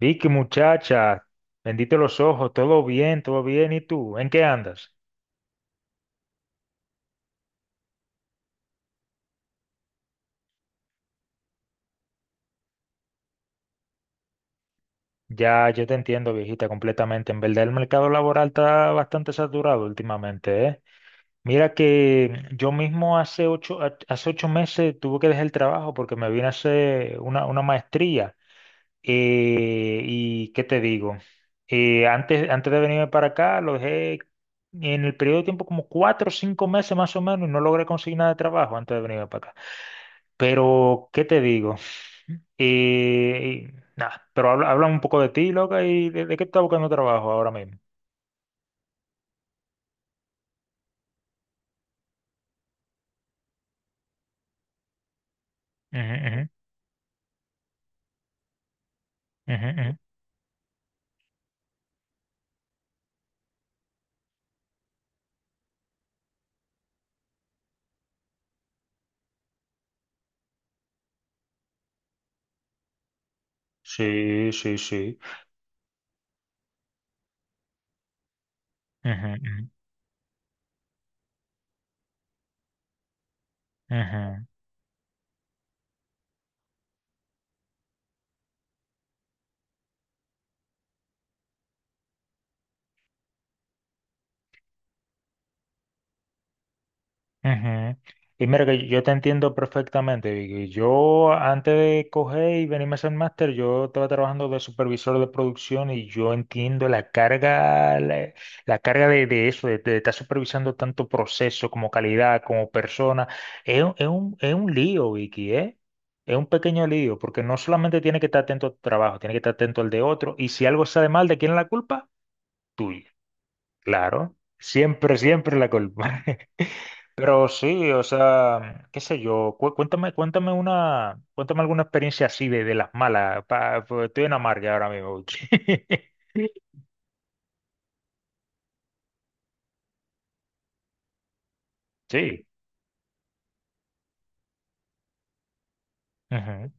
Vicky, muchacha, bendito los ojos, todo bien, todo bien. ¿Y tú? ¿En qué andas? Ya, yo te entiendo, viejita, completamente. En verdad, el mercado laboral está bastante saturado últimamente, ¿eh? Mira que yo mismo hace hace ocho meses tuve que dejar el trabajo porque me vine a hacer una maestría. ¿y qué te digo? Antes de venirme para acá, lo dejé en el periodo de tiempo como cuatro o cinco meses más o menos y no logré conseguir nada de trabajo antes de venirme para acá. Pero, ¿qué te digo? Nada, Pero habla un poco de ti, loca, y de qué estás buscando trabajo ahora mismo. Ujú, ujú, ujú, ujú. Sí, sí, sí. Ujú, ujú, ujú. Ujú. Y mira que yo te entiendo perfectamente, Vicky. Yo antes de coger y venirme a ser máster, yo estaba trabajando de supervisor de producción y yo entiendo la la carga de eso, de estar supervisando tanto proceso como calidad, como persona. Es un lío, Vicky, ¿eh? Es un pequeño lío, porque no solamente tiene que estar atento a tu trabajo, tiene que estar atento al de otro, y si algo sale mal, ¿de quién es la culpa? Tuya. Claro, siempre, siempre la culpa. Pero sí, o sea, qué sé yo, cuéntame alguna experiencia así de las malas, pa- porque estoy en amarga ahora mismo. Sí. Ujú,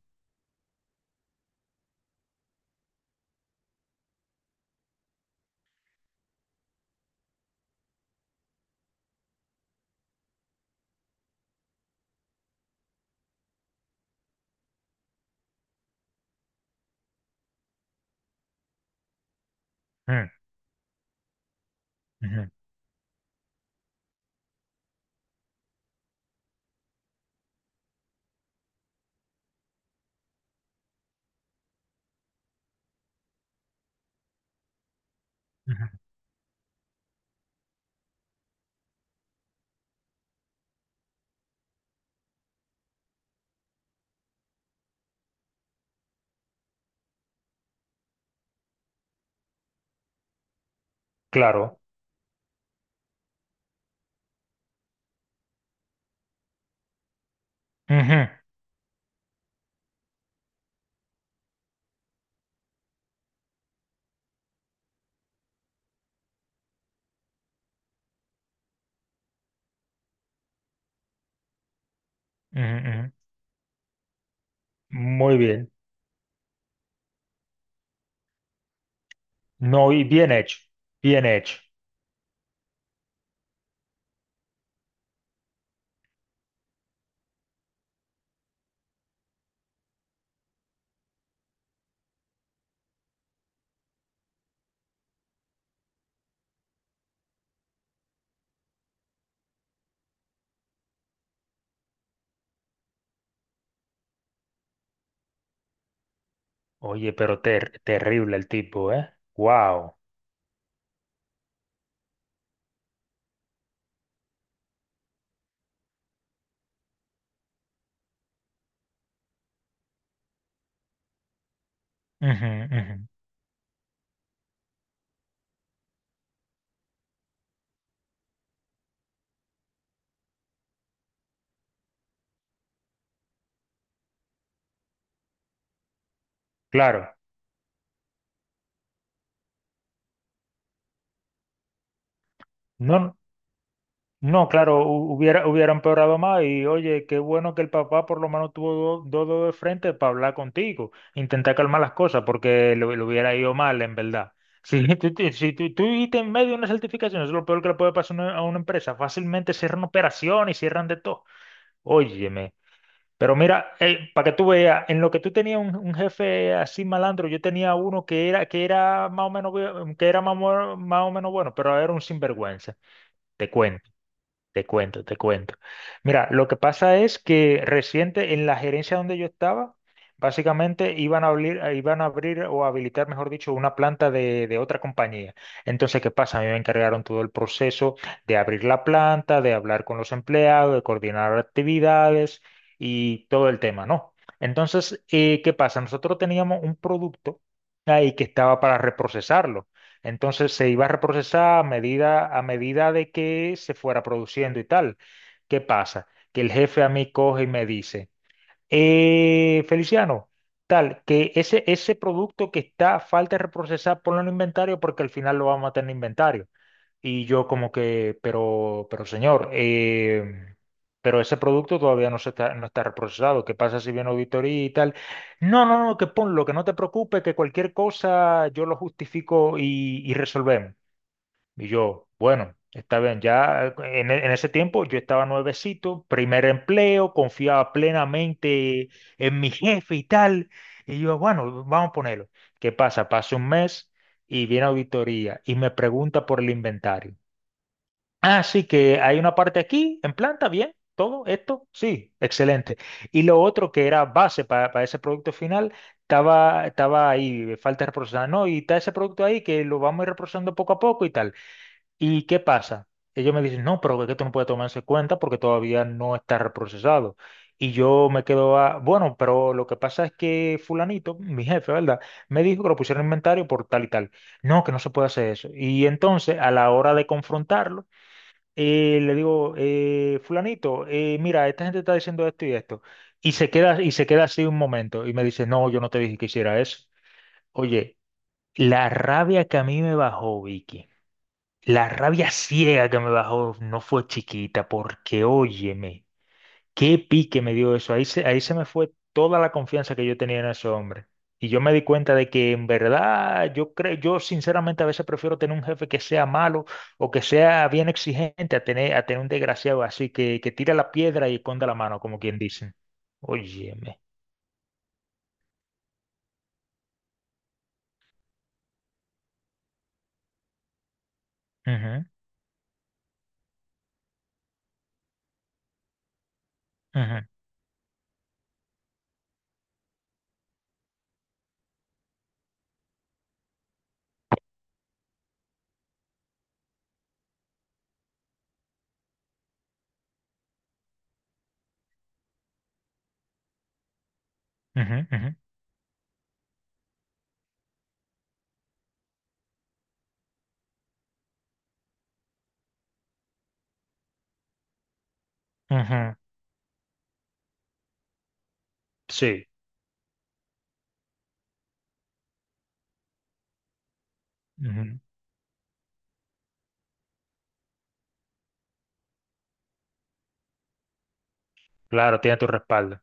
ujú, ujú, ujú. Claro. Ujú, ujú, ujú. Muy bien. No, y bien hecho, bien hecho. Oye, pero ter- terrible el tipo, ¿eh? Wow. Claro. No, no, claro, hu- hubiera, hubiera empeorado más y oye, qué bueno que el papá por lo menos tuvo do- dos dedos de frente para hablar contigo, intentar calmar las cosas porque le hubiera ido mal en verdad. Si tú- si tú, tú viste en medio de una certificación, eso es lo peor que le puede pasar a a una empresa, fácilmente cierran operaciones y cierran de todo. Óyeme, pero mira, para que tú veas, en lo que tú tenías un jefe así malandro, yo tenía uno que era más o menos, bu- que era más, o más o menos bueno, pero era un sinvergüenza, te cuento. Te cuento, te cuento. Mira, lo que pasa es que reciente en la gerencia donde yo estaba, básicamente iban a abrir o habilitar, mejor dicho, una planta de otra compañía. Entonces, ¿qué pasa? A mí me encargaron todo el proceso de abrir la planta, de hablar con los empleados, de coordinar actividades y todo el tema, ¿no? Entonces, ¿qué pasa? Nosotros teníamos un producto ahí que estaba para reprocesarlo. Entonces se iba a reprocesar a medida de que se fuera produciendo y tal. ¿Qué pasa? Que el jefe a mí coge y me dice: Feliciano, tal, que ese producto que está a falta de reprocesar, ponlo en inventario porque al final lo vamos a tener en inventario. Y yo como que, pero señor, pero ese producto todavía no se está, no está reprocesado. ¿Qué pasa si viene auditoría y tal? No, no, no, que ponlo, que no te preocupes, que cualquier cosa yo lo justifico y resolvemos. Y yo, bueno, está bien, en ese tiempo yo estaba nuevecito, primer empleo, confiaba plenamente en mi jefe y tal. Y yo, bueno, vamos a ponerlo. ¿Qué pasa? Pasa un mes y viene auditoría y me pregunta por el inventario. Así que hay una parte aquí, en planta, bien, todo esto, sí, excelente. Y lo otro que era base para ese producto final, estaba ahí, falta reprocesar, no, y está ese producto ahí que lo vamos a ir reprocesando poco a poco y tal. ¿Y qué pasa? Ellos me dicen, no, pero es que esto no puede tomarse en cuenta porque todavía no está reprocesado. Y yo me quedo a, bueno, pero lo que pasa es que fulanito, mi jefe, ¿verdad? Me dijo que lo pusieron en inventario por tal y tal. No, que no se puede hacer eso. Y entonces, a la hora de confrontarlo, le digo, fulanito, mira, esta gente está diciendo esto y esto. Y se queda así un momento y me dice, no, yo no te dije que hiciera eso. Oye, la rabia que a mí me bajó, Vicky, la rabia ciega que me bajó no fue chiquita, porque óyeme. Qué pique me dio eso. Ahí se me fue toda la confianza que yo tenía en ese hombre. Y yo me di cuenta de que en verdad yo creo, yo sinceramente a veces prefiero tener un jefe que sea malo o que sea bien exigente a a tener un desgraciado así que tira la piedra y esconda la mano, como quien dice. Óyeme. Ujú, ujú, ujú, ujú, ujú. Sí. Ujú. Claro, tiene tu respaldo.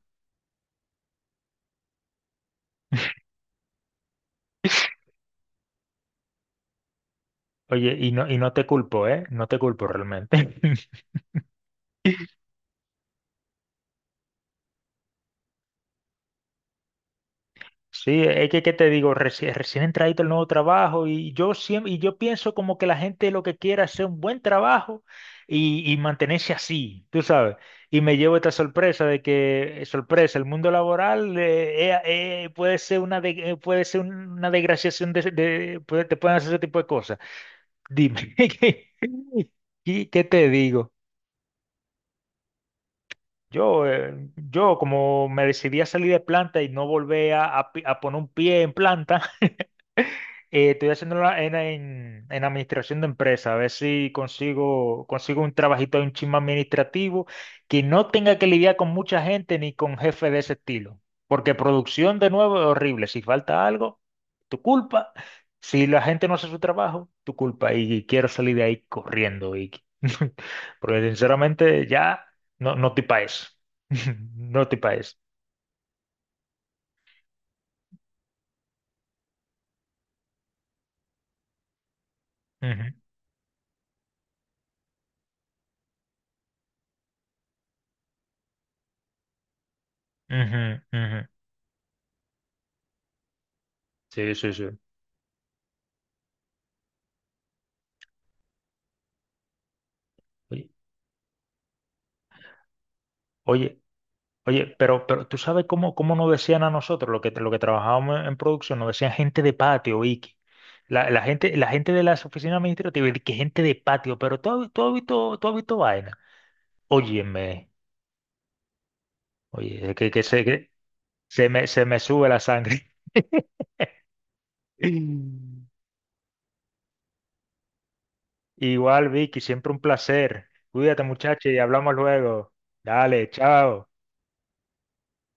Oye, y no te culpo, ¿eh? No te culpo realmente. Sí, es que, ¿qué te digo? Recién entradito el nuevo trabajo y yo siempre, y yo pienso como que la gente lo que quiere es hacer un buen trabajo y mantenerse así, tú sabes. Y me llevo esta sorpresa de que, sorpresa, el mundo laboral puede ser una, puede ser una desgraciación te pueden hacer ese tipo de cosas. Dime, ¿qué, qué- qué te digo? Yo, yo como me decidí a salir de planta y no volver a pi- a poner un pie en planta, estoy haciéndolo en, en administración de empresa, a ver si consigo, consigo un trabajito, un chisme administrativo que no tenga que lidiar con mucha gente ni con jefe de ese estilo. Porque producción de nuevo es horrible. Si falta algo, tu culpa. Si la gente no hace su trabajo, tu culpa. Y quiero salir de ahí corriendo, Vicky. Porque sinceramente ya no estoy pa' eso. No estoy pa' eso. Ujú, ujú, ujú. Sí, sí, sí. Oye. Oye. Oye, pero tú sabes cómo, cómo nos decían a nosotros, lo que trabajábamos en producción, nos decían gente de patio, Vicky. La gente, la gente de las oficinas administrativas, y que gente de patio, pero tú has visto vaina. Óyeme, oye, que se me sube la sangre. Igual, Vicky, siempre un placer. Cuídate, muchacha, y hablamos luego. Dale, chao.